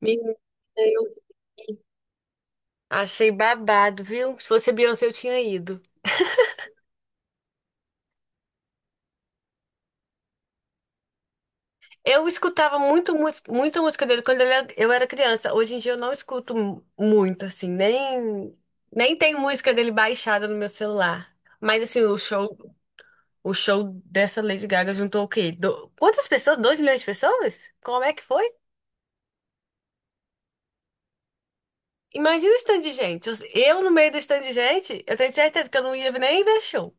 Menina, eu achei babado, viu? Se fosse Beyoncé, eu tinha ido. Eu escutava muita música dele quando eu era criança. Hoje em dia eu não escuto muito, assim, nem tem música dele baixada no meu celular. Mas assim, o show dessa Lady Gaga juntou o quê? Quantas pessoas? 2 milhões de pessoas? Como é que foi? Imagina o stand de gente. Eu no meio do stand de gente, eu tenho certeza que eu não ia nem ver show.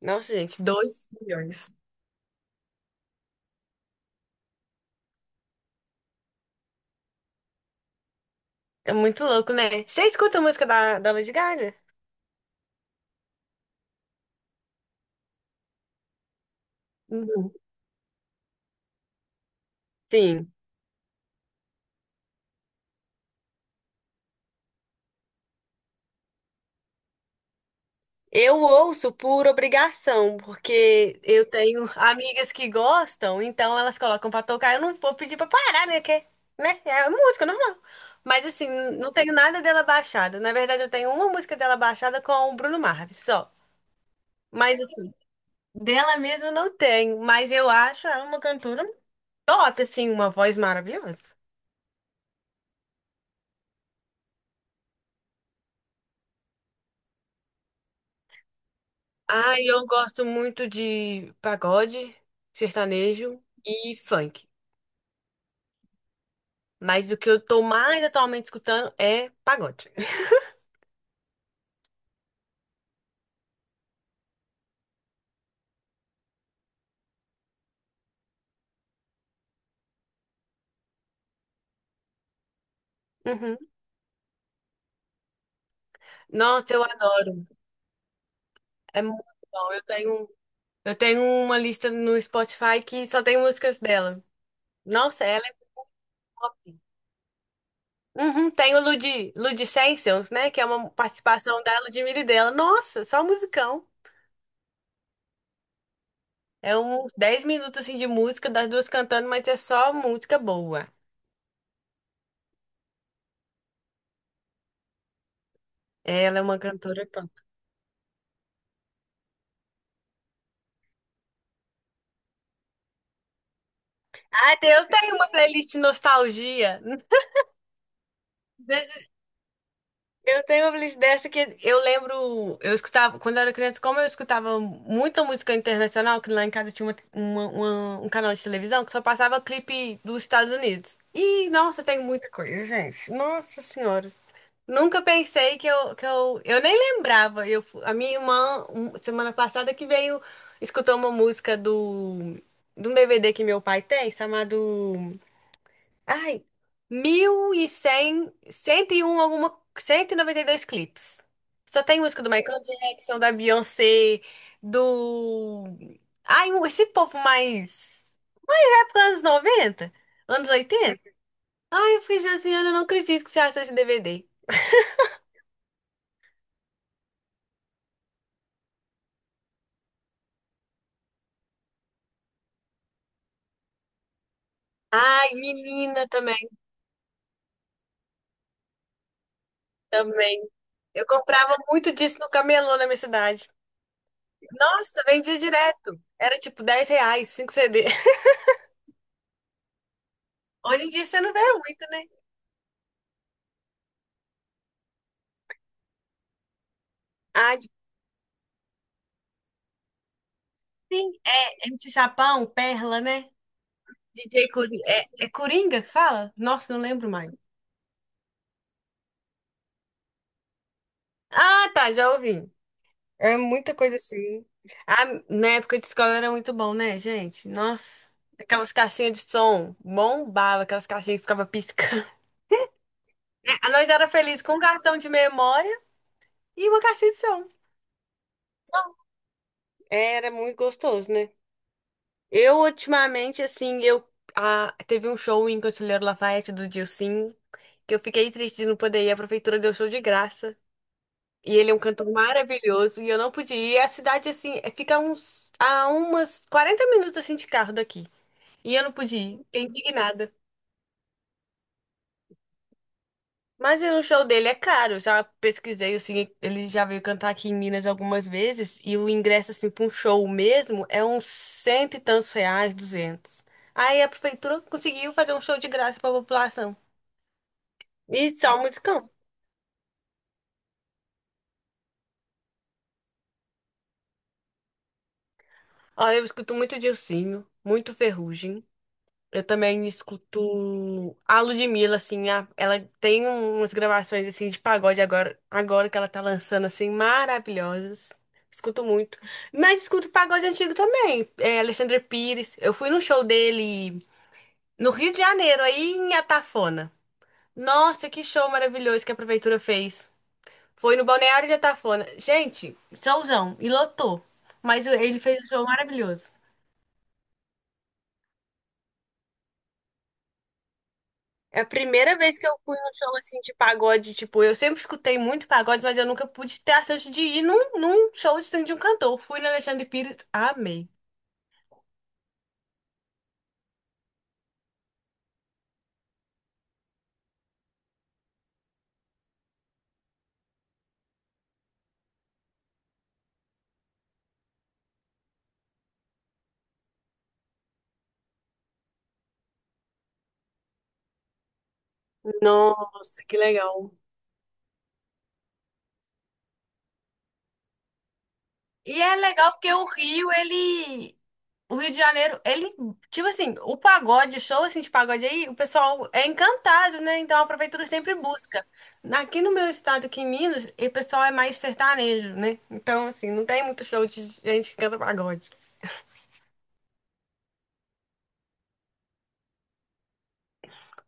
Nossa, gente, 2 milhões. É muito louco, né? Você escuta a música da Lady Gaga? Uhum. Sim. Eu ouço por obrigação, porque eu tenho amigas que gostam, então elas colocam pra tocar. Eu não vou pedir pra parar, né? Que, né? É música normal. Mas assim, não tenho nada dela baixada. Na verdade, eu tenho uma música dela baixada com o Bruno Mars, só. Mas assim, dela mesma eu não tenho. Mas eu acho ela uma cantora top, assim, uma voz maravilhosa. Ah, eu gosto muito de pagode, sertanejo e funk. Mas o que eu tô mais atualmente escutando é pagode. Uhum. Nossa, eu adoro. É muito bom. Eu tenho uma lista no Spotify que só tem músicas dela. Nossa, ela é pop. Uhum, tem o Ludicentials, né? Que é uma participação da Ludmilla e dela. Nossa, só musicão. É uns 10 minutos assim, de música, das duas cantando, mas é só música boa. Ela é uma cantora punk. Ah, eu tenho uma playlist de nostalgia. Desse- Eu tenho uma playlist dessa que eu lembro, eu escutava, quando eu era criança, como eu escutava muita música internacional, que lá em casa tinha um canal de televisão que só passava clipe dos Estados Unidos. E, nossa, tem muita coisa, gente. Nossa Senhora. Nunca pensei eu nem lembrava. A minha irmã, semana passada, que veio, escutou uma música de um DVD que meu pai tem, chamado... Ai, mil e cem cento e um alguma, cento e noventa e dois clipes. Só tem música do Michael Jackson, da Beyoncé, do... Ai, esse povo mais... da época anos 90? Anos 80? Ai, eu fiquei, Josiana, eu não acredito que você achou esse DVD. Ai, menina, também, também. Eu comprava muito disso no camelô na minha cidade. Nossa, vendia direto. Era tipo 10 reais, 5 CD. Hoje em dia você não vê muito, né? Ah, sim, é MC Sapão, Perla, né? DJ Coringa. É Coringa que fala? Nossa, não lembro mais. Ah, tá, já ouvi. É muita coisa assim. Ah, na época de escola era muito bom, né, gente? Nossa. Aquelas caixinhas de som bombava, aquelas caixinhas que ficava piscando. É, nós era feliz com um cartão de memória e uma caixinha de som. Era muito gostoso, né? Eu, ultimamente, assim, eu. Ah, teve um show em Conselheiro Lafayette do Dilsim, que eu fiquei triste de não poder ir. A prefeitura deu show de graça. E ele é um cantor maravilhoso e eu não podia ir. E a cidade, assim, fica a umas 40 minutos assim de carro daqui. E eu não podia ir. Fiquei indignada. Mas o show dele é caro. Eu já pesquisei assim, ele já veio cantar aqui em Minas algumas vezes e o ingresso assim para um show mesmo é uns cento e tantos reais, duzentos. Aí a prefeitura conseguiu fazer um show de graça para a população. E só musicão. Ó, eu escuto muito Dilsinho, muito Ferrugem. Eu também escuto a Ludmilla, assim, ela tem umas gravações, assim, de pagode agora, agora que ela tá lançando, assim, maravilhosas. Escuto muito. Mas escuto pagode antigo também, é, Alexandre Pires. Eu fui no show dele no Rio de Janeiro, aí em Atafona. Nossa, que show maravilhoso que a prefeitura fez. Foi no Balneário de Atafona. Gente, showzão, e lotou. Mas ele fez um show maravilhoso. É a primeira vez que eu fui num show assim de pagode, tipo, eu sempre escutei muito pagode, mas eu nunca pude ter a chance de ir num, show de um cantor. Fui na Alexandre Pires, amei. Nossa, que legal. E é legal porque o Rio, ele. O Rio de Janeiro, ele. Tipo assim, o pagode, o show assim de pagode aí, o pessoal é encantado, né? Então a prefeitura sempre busca. Aqui no meu estado, aqui em Minas, o pessoal é mais sertanejo, né? Então, assim, não tem muito show de gente que canta pagode.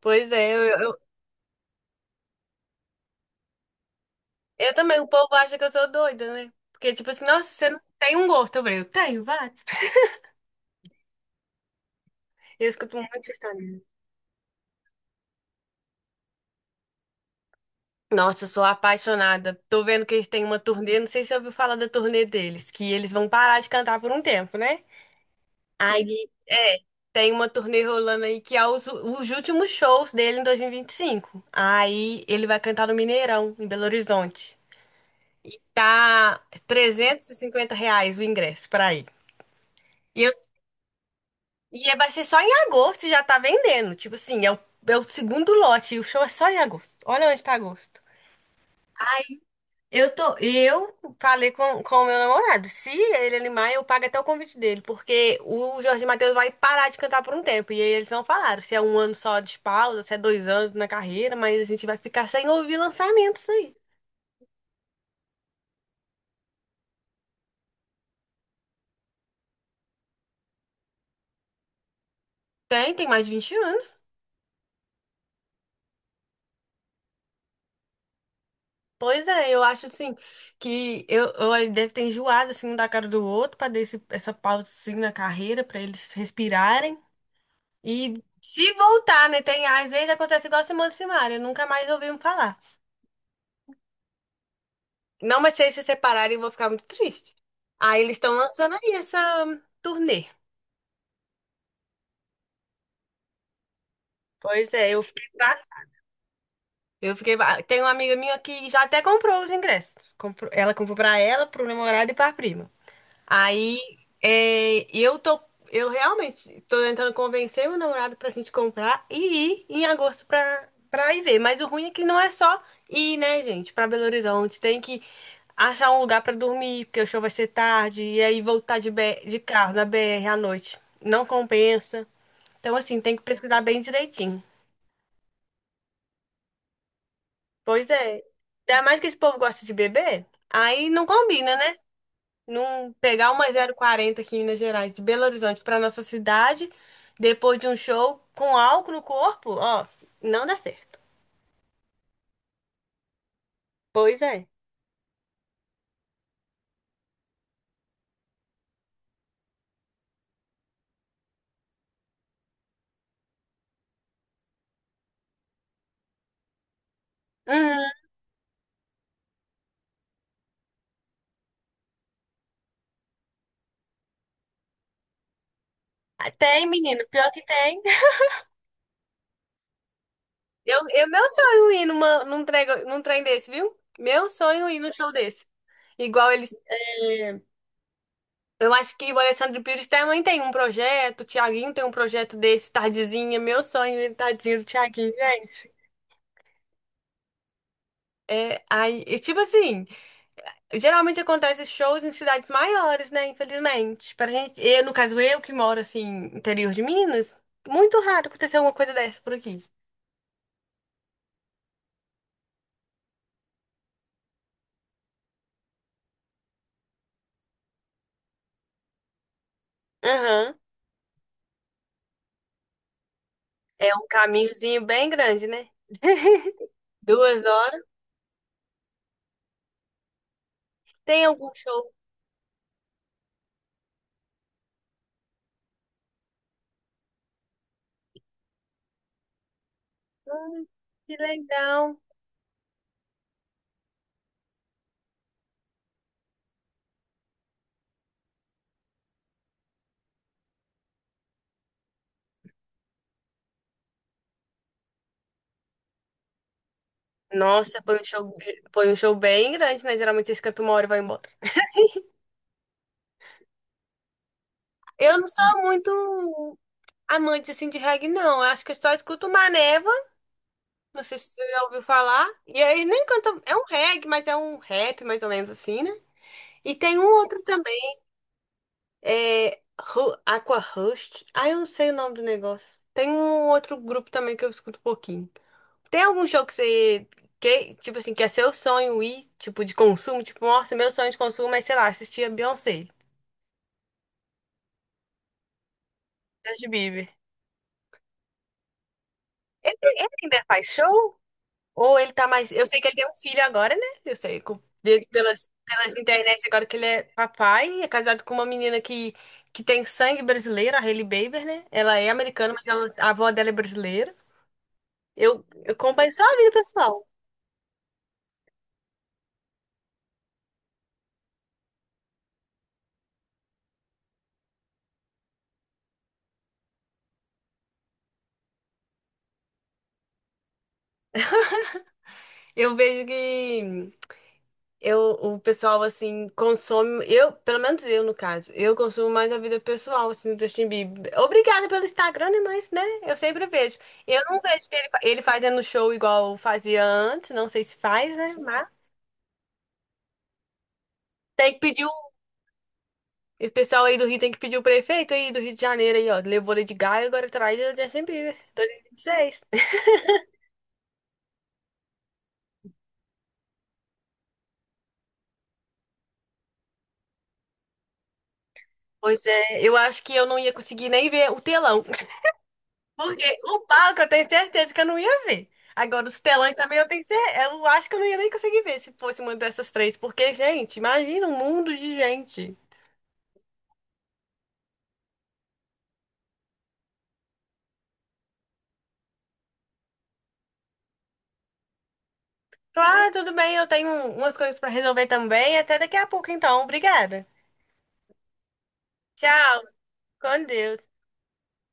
Pois é, eu também, o povo acha que eu sou doida, né? Porque, tipo assim, nossa, você não tem um gosto. Eu falei, eu tenho, vai. Eu escuto muito história. Nossa, eu sou apaixonada. Tô vendo que eles têm uma turnê, não sei se você ouviu falar da turnê deles, que eles vão parar de cantar por um tempo, né? Aí, é, tem uma turnê rolando aí que é os últimos shows dele em dois mil e vinte e cinco. Aí ele vai cantar no Mineirão, em Belo Horizonte. Tá R$ 350 o ingresso pra ir. E vai ser só em agosto e já tá vendendo. Tipo assim, é o segundo lote e o show é só em agosto. Olha onde tá agosto. Eu tô, eu falei com o meu namorado. Se ele animar, eu pago até o convite dele, porque o Jorge Mateus vai parar de cantar por um tempo. E aí eles não falaram se é um ano só de pausa, se é 2 anos na carreira, mas a gente vai ficar sem ouvir lançamentos aí. Tem mais de 20 anos. Pois é, eu acho assim eu deve ter enjoado assim um da cara do outro para dar essa pausa assim, na carreira para eles respirarem e se voltar, né? Tem às vezes acontece igual a Simone e Simaria, nunca mais ouvimos falar. Não, mas se eles se separarem, eu vou ficar muito triste. Aí eles estão lançando aí essa turnê. Pois é. Tem uma amiga minha que já até comprou os ingressos. Ela comprou para ela, pro namorado e para prima. Aí é, eu realmente tô tentando convencer meu namorado pra gente comprar e ir em agosto pra ir ver. Mas o ruim é que não é só ir, né, gente, pra Belo Horizonte. Tem que achar um lugar pra dormir, porque o show vai ser tarde, e aí voltar de carro na BR à noite. Não compensa. Então, assim, tem que pesquisar bem direitinho. Pois é. Ainda mais que esse povo gosta de beber, aí não combina, né? Pegar uma zero quarenta aqui em Minas Gerais, de Belo Horizonte pra nossa cidade, depois de um show com álcool no corpo, ó, não dá certo. Pois é. Uhum. Tem, menino, pior que tem. Meu sonho é ir num trem desse, viu? Meu sonho é ir num show desse. Igual eles. É, eu acho que o Alessandro Pires também tem um projeto, o Thiaguinho tem um projeto desse, Tardezinha. Meu sonho é tadinho do Thiaguinho, gente. É, aí, e tipo assim, geralmente acontece shows em cidades maiores, né? Infelizmente. Pra gente, eu, no caso, eu que moro assim, interior de Minas, muito raro acontecer alguma coisa dessa por aqui. Aham. É um caminhozinho bem grande, né? 2 horas. Tem algum show? Ai, que legal. Nossa, foi um show bem grande, né? Geralmente eles cantam uma hora e vão embora. Eu não sou muito amante assim de reggae, não. Eu acho que eu só escuto Maneva. Não sei se você já ouviu falar. E aí nem canta. É um reggae, mas é um rap, mais ou menos assim, né? E tem um outro também. É. Aqua Rust. Ah, eu não sei o nome do negócio. Tem um outro grupo também que eu escuto um pouquinho. Tem algum show que você. Que, tipo assim, que é seu sonho ir, tipo, de consumo? Tipo, nossa, meu sonho de consumo é, sei lá, assistir a Beyoncé. Justin Bieber. Ele ainda faz show? Ou ele tá mais. Eu sei que ele tem um filho agora, né? Eu sei. Pelas internet, agora que ele é papai, é casado com uma menina que tem sangue brasileiro, a Hailey Bieber, né? Ela é americana, mas a avó dela é brasileira. Eu acompanho só a vida pessoal. Eu vejo que. Eu, o pessoal, assim, consome. Eu, pelo menos eu, no caso, eu consumo mais a vida pessoal, assim, do Justin Bieber. Obrigada pelo Instagram, né? Mas, né? Eu sempre vejo. Eu não vejo ele, ele fazendo show igual fazia antes, não sei se faz, né? Mas tem que pedir o. O pessoal aí do Rio tem que pedir o prefeito aí do Rio de Janeiro aí, ó. Levou Lady Gaga, agora traz o Justin Bieber. 2026. Pois é, eu acho que eu não ia conseguir nem ver o telão. Porque o palco eu tenho certeza que eu não ia ver. Agora, os telões também eu tenho certeza. Eu acho que eu não ia nem conseguir ver se fosse uma dessas três. Porque, gente, imagina um mundo de gente. Claro, tudo bem, eu tenho umas coisas pra resolver também. Até daqui a pouco, então. Obrigada. Tchau. Com Deus.